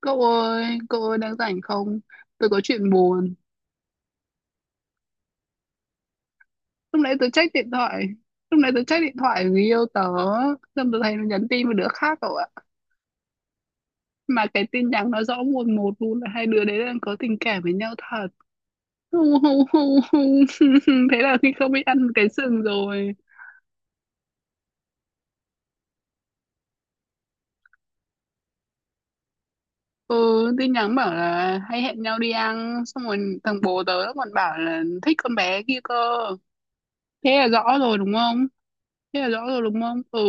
Cậu ơi đang rảnh không? Tôi có chuyện buồn. Lúc nãy tôi check điện thoại. Lúc nãy tôi check điện thoại của người yêu tớ. Xong tôi thấy nó nhắn tin với đứa khác cậu ạ. Mà cái tin nhắn nó rõ mồn một luôn là hai đứa đấy đang có tình cảm với nhau thật. Hu, hu, hu, hu. Thế là khi không biết ăn cái sừng rồi. Ừ, tin nhắn bảo là hay hẹn nhau đi ăn. Xong rồi thằng bố tớ nó còn bảo là thích con bé kia cơ. Thế là rõ rồi đúng không? Thế là rõ rồi đúng không? Ừ,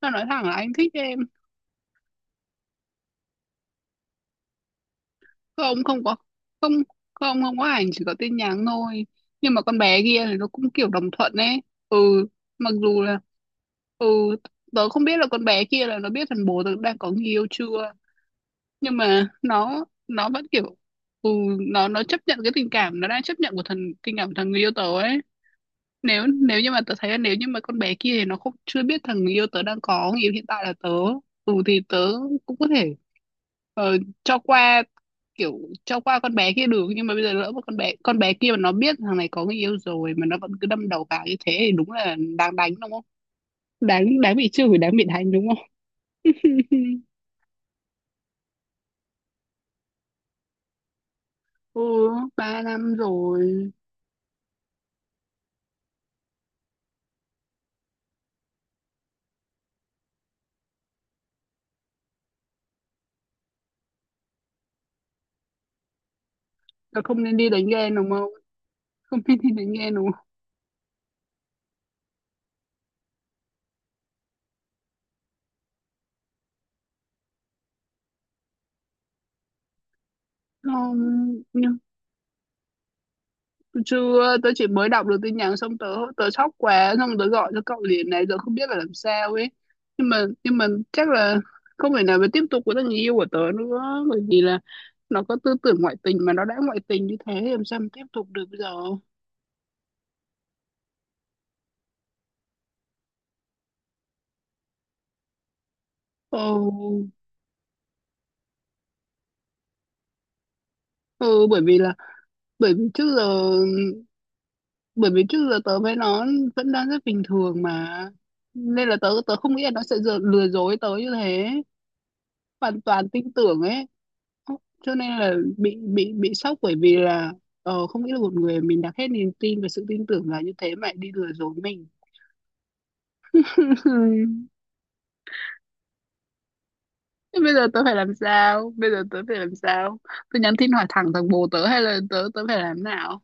nó nói thẳng là anh thích em. Không, không có. Không, không, không có ảnh, chỉ có tin nhắn thôi. Nhưng mà con bé kia thì nó cũng kiểu đồng thuận ấy. Ừ, mặc dù là, ừ, tớ không biết là con bé kia là nó biết thằng bố tớ đang có người yêu chưa, nhưng mà nó vẫn kiểu, ừ, nó chấp nhận cái tình cảm nó đang chấp nhận của thằng người yêu tớ ấy. Nếu nếu như mà tớ thấy là nếu như mà con bé kia thì nó không, chưa biết thằng người yêu tớ đang có người yêu hiện tại là tớ, ừ thì tớ cũng có thể cho qua, kiểu cho qua con bé kia được. Nhưng mà bây giờ lỡ một con bé kia mà nó biết thằng này có người yêu rồi mà nó vẫn cứ đâm đầu vào như thế thì đúng là đáng đánh đúng không? Đáng đáng bị chửi, đáng bị đánh đúng không? Ừ, 3 năm rồi. Là không nên đi đánh ghen đúng không? Không nên đi đánh ghen đúng không? Không, nhưng chưa, tớ chỉ mới đọc được tin nhắn xong, tớ tớ sốc quá, xong tớ gọi cho cậu liền này, giờ không biết phải làm sao ấy. Nhưng mà chắc là không thể nào mà tiếp tục với thằng người yêu của tớ nữa, bởi vì là nó có tư tưởng ngoại tình, mà nó đã ngoại tình như thế thì làm sao mà tiếp tục được bây giờ. Ồ, ừ, bởi vì là, bởi vì trước giờ bởi vì trước giờ tớ với nó vẫn đang rất bình thường mà, nên là tớ tớ không nghĩ là nó sẽ giờ lừa dối tớ như thế. Hoàn toàn tin tưởng ấy. Ốc, cho nên là bị bị sốc, bởi vì là, ờ, không nghĩ là một người mình đặt hết niềm tin và sự tin tưởng vào như thế mà lại đi lừa dối mình. Thế bây giờ tớ phải làm sao, bây giờ tớ phải làm sao? Tớ nhắn tin hỏi thẳng thằng bồ tớ, hay là tớ tớ phải làm nào?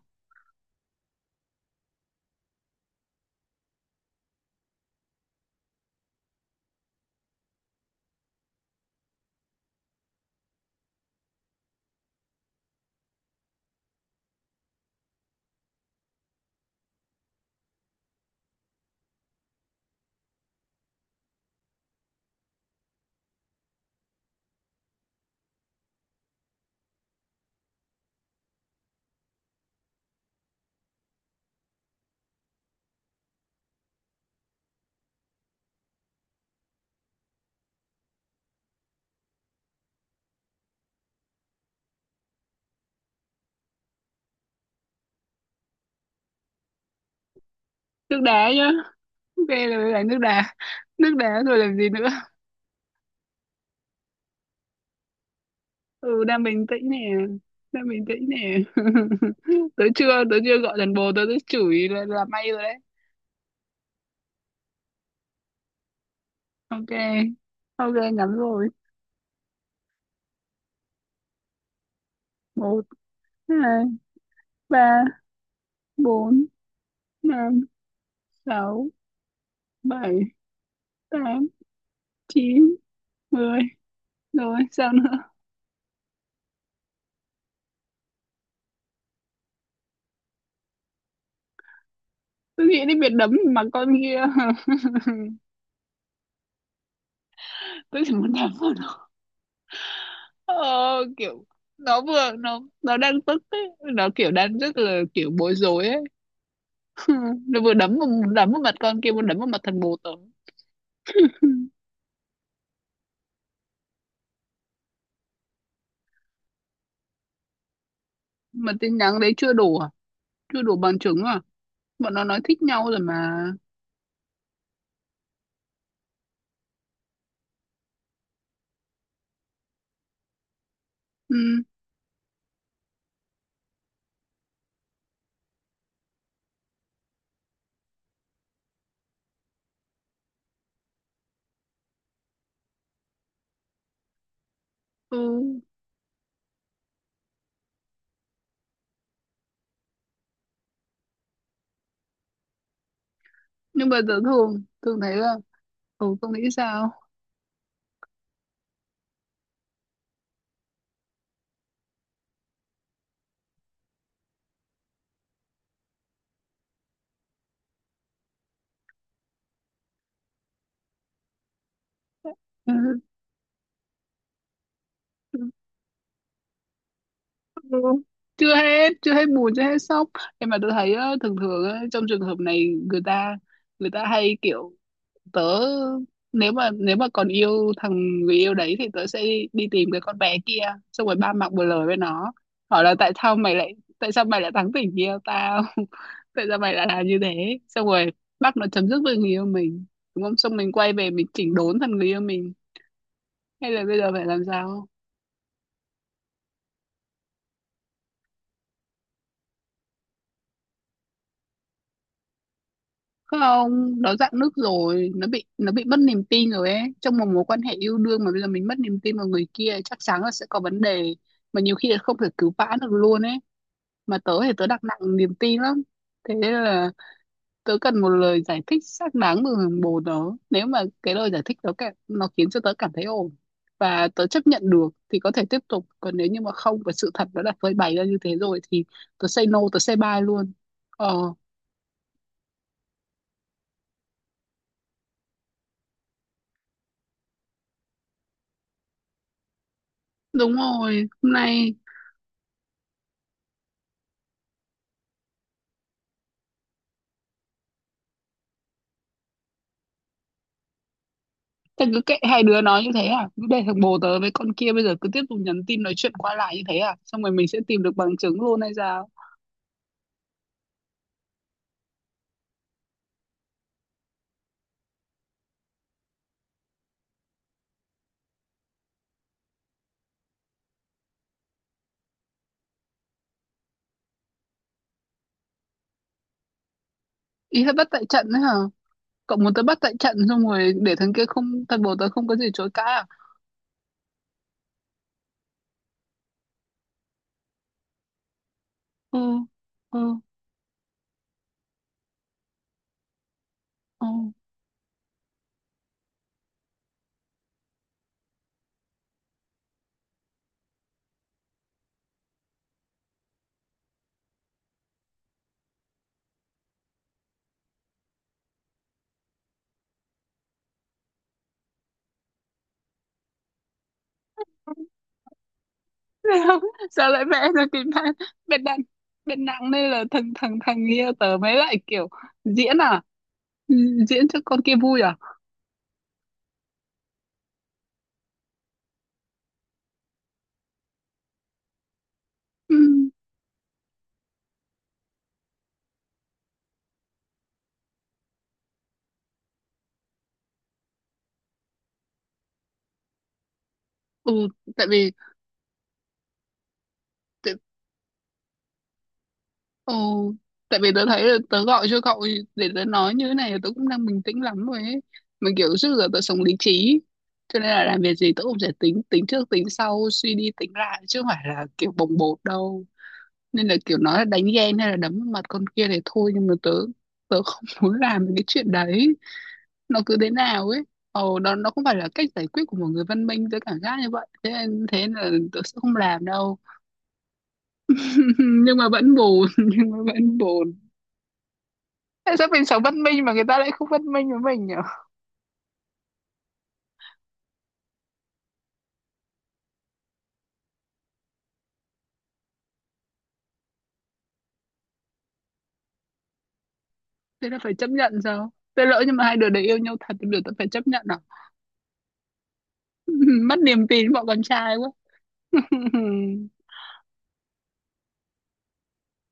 Nước đá nhá. Ok, là nước đá. Nước đá rồi làm gì nữa? Ừ, đang bình tĩnh nè. Đang bình tĩnh nè. Tớ chưa gọi thằng bồ tớ tớ chửi là may rồi đấy. Ok. Ok, ngắn rồi. Một. Hai. Ba. Bốn. Năm. Sáu. Bảy. Tám. Chín. Mười. Rồi sao nữa? Tôi nghĩ đến việc đấm mà con kia. Tôi chỉ muốn đấm vào nó. Ờ, kiểu nó vừa, nó đang tức ấy. Nó kiểu đang rất là kiểu bối rối ấy. Nó vừa đấm vào, đấm vào mặt con kia, vừa đấm vào mặt thằng bồ tớ. Mà tin nhắn đấy chưa đủ à? Chưa đủ bằng chứng à? Bọn nó nói thích nhau rồi mà. Ừ, ừ. Nhưng mà tớ thường thường thấy là, ừ, tôi nghĩ sao. Ừ. chưa hết buồn, chưa hết sốc. Em mà tôi thấy á, thường thường á, trong trường hợp này người ta, người ta hay kiểu, tớ, nếu mà còn yêu thằng người yêu đấy thì tớ sẽ đi, đi tìm cái con bé kia, xong rồi ba mặt một lời với nó, hỏi là tại sao mày lại, thắng tình yêu tao. Tại sao mày lại làm như thế, xong rồi bắt nó chấm dứt với người yêu mình đúng không, xong mình quay về mình chỉnh đốn thằng người yêu mình. Hay là bây giờ phải làm sao? Không, nó dạn nứt rồi, nó bị mất niềm tin rồi ấy. Trong một mối quan hệ yêu đương mà bây giờ mình mất niềm tin vào người kia chắc chắn là sẽ có vấn đề, mà nhiều khi là không thể cứu vãn được luôn ấy. Mà tớ thì tớ đặt nặng niềm tin lắm, thế nên là tớ cần một lời giải thích xác đáng từ bồ tớ. Nếu mà cái lời giải thích đó nó khiến cho tớ cảm thấy ổn và tớ chấp nhận được thì có thể tiếp tục, còn nếu như mà không và sự thật nó đã phơi bày ra như thế rồi thì tớ say no, tớ say bye luôn. Ờ. Đúng rồi, hôm nay. Thế cứ kệ hai đứa nói như thế à? Cứ để thằng bồ tớ với con kia bây giờ cứ tiếp tục nhắn tin nói chuyện qua lại như thế à? Xong rồi mình sẽ tìm được bằng chứng luôn hay sao? Ý là bắt tại trận đấy hả? Cậu muốn tớ bắt tại trận xong rồi để thằng kia không, thằng bồ tớ không có gì chối cãi à? Ừ, ừ, ừ. Sao, sao lại vẽ ra kịch bản bên nặng, bên nặng đây là thằng thằng thằng kia, tớ mới lại kiểu diễn à? Ừ, diễn cho con kia vui à? Ừ, ừ, tại vì tự ồ, tại vì tớ thấy là tớ gọi cho cậu, để tớ nói như thế này là tớ cũng đang bình tĩnh lắm rồi ấy. Mình kiểu trước giờ tớ sống lý trí, cho nên là làm việc gì tớ cũng sẽ tính tính trước tính sau, suy đi tính lại chứ không phải là kiểu bồng bột đâu. Nên là kiểu nói là đánh ghen hay là đấm vào mặt con kia thì thôi, nhưng mà tớ, tớ không muốn làm cái chuyện đấy. Nó cứ thế nào ấy. Ồ, đó nó không phải là cách giải quyết của một người văn minh, tớ cảm giác như vậy. Thế nên là tớ sẽ không làm đâu. Nhưng mà vẫn buồn, nhưng mà vẫn buồn. Tại sao mình sống văn minh mà người ta lại không văn minh với mình nhỉ? Thế là phải chấp nhận sao? Thế lỡ nhưng mà hai đứa đấy yêu nhau thật thì đứa tớ phải chấp nhận à? Mất niềm tin bọn con trai quá.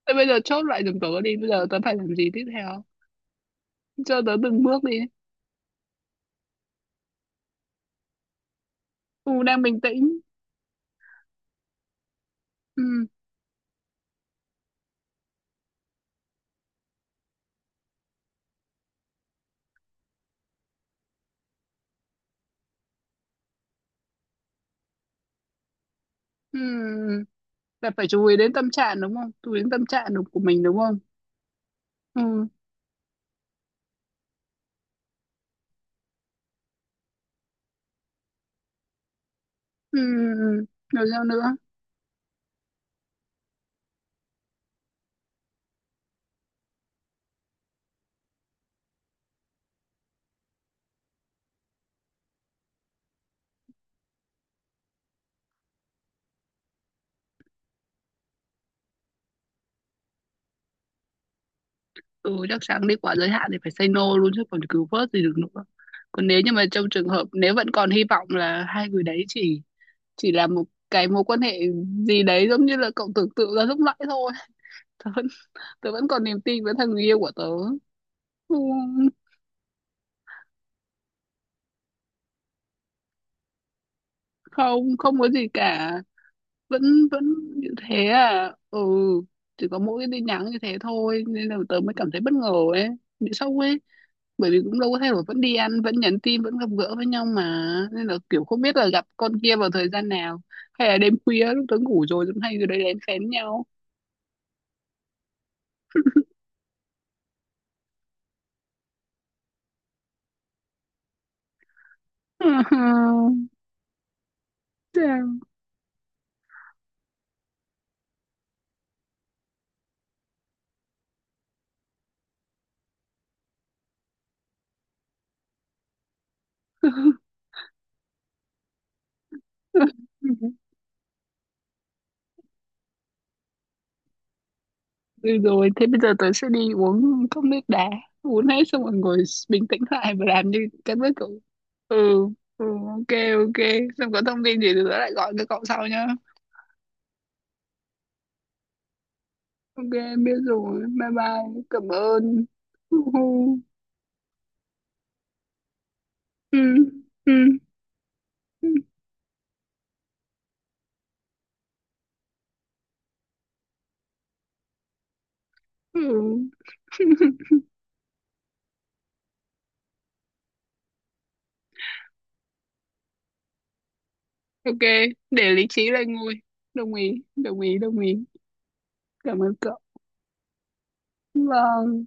Thế bây giờ chốt lại giùm tớ đi, bây giờ tớ phải làm gì tiếp theo? Cho tớ từng bước đi. Ừ, đang bình tĩnh. Ừ, ừ. Là phải chú ý đến tâm trạng đúng không, chú ý đến tâm trạng đúng của mình đúng không? Ừ, ừ. Ừ. Rồi sao nữa? Ừ, chắc chắn đi quá giới hạn thì phải say no luôn chứ còn cứu vớt gì được nữa. Còn nếu như mà trong trường hợp nếu vẫn còn hy vọng là hai người đấy chỉ là một cái mối quan hệ gì đấy giống như là cậu tưởng tượng ra lúc nãy thôi. tớ vẫn, Tớ vẫn còn niềm tin với thằng người yêu của tớ. Không, không, không có gì cả. Vẫn vẫn như thế à? Ừ, chỉ có mỗi cái tin nhắn như thế thôi nên là tớ mới cảm thấy bất ngờ ấy, bị sốc ấy. Bởi vì cũng đâu có thay đổi, vẫn đi ăn, vẫn nhắn tin, vẫn gặp gỡ với nhau mà. Nên là kiểu không biết là gặp con kia vào thời gian nào, hay là đêm khuya lúc tớ ngủ rồi cũng hay rồi đấy, lén phén nhau. Chào. Ừ rồi thế bây giờ tớ sẽ đi uống cốc nước đá, uống hết xong rồi ngồi bình tĩnh lại và làm như cái bước cậu. Ừ. Ừ, ok. Ok, xong có thông tin gì thì tớ lại gọi cho cậu sau nhá. Ok, biết rồi, bye bye, cảm ơn. Ừ. Ừ. Ừ. Ừ. Ok, để lý trí lên ngôi. Đồng ý, đồng ý, đồng ý. Cảm ơn cậu. Vâng,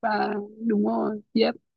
và đúng rồi. Yes.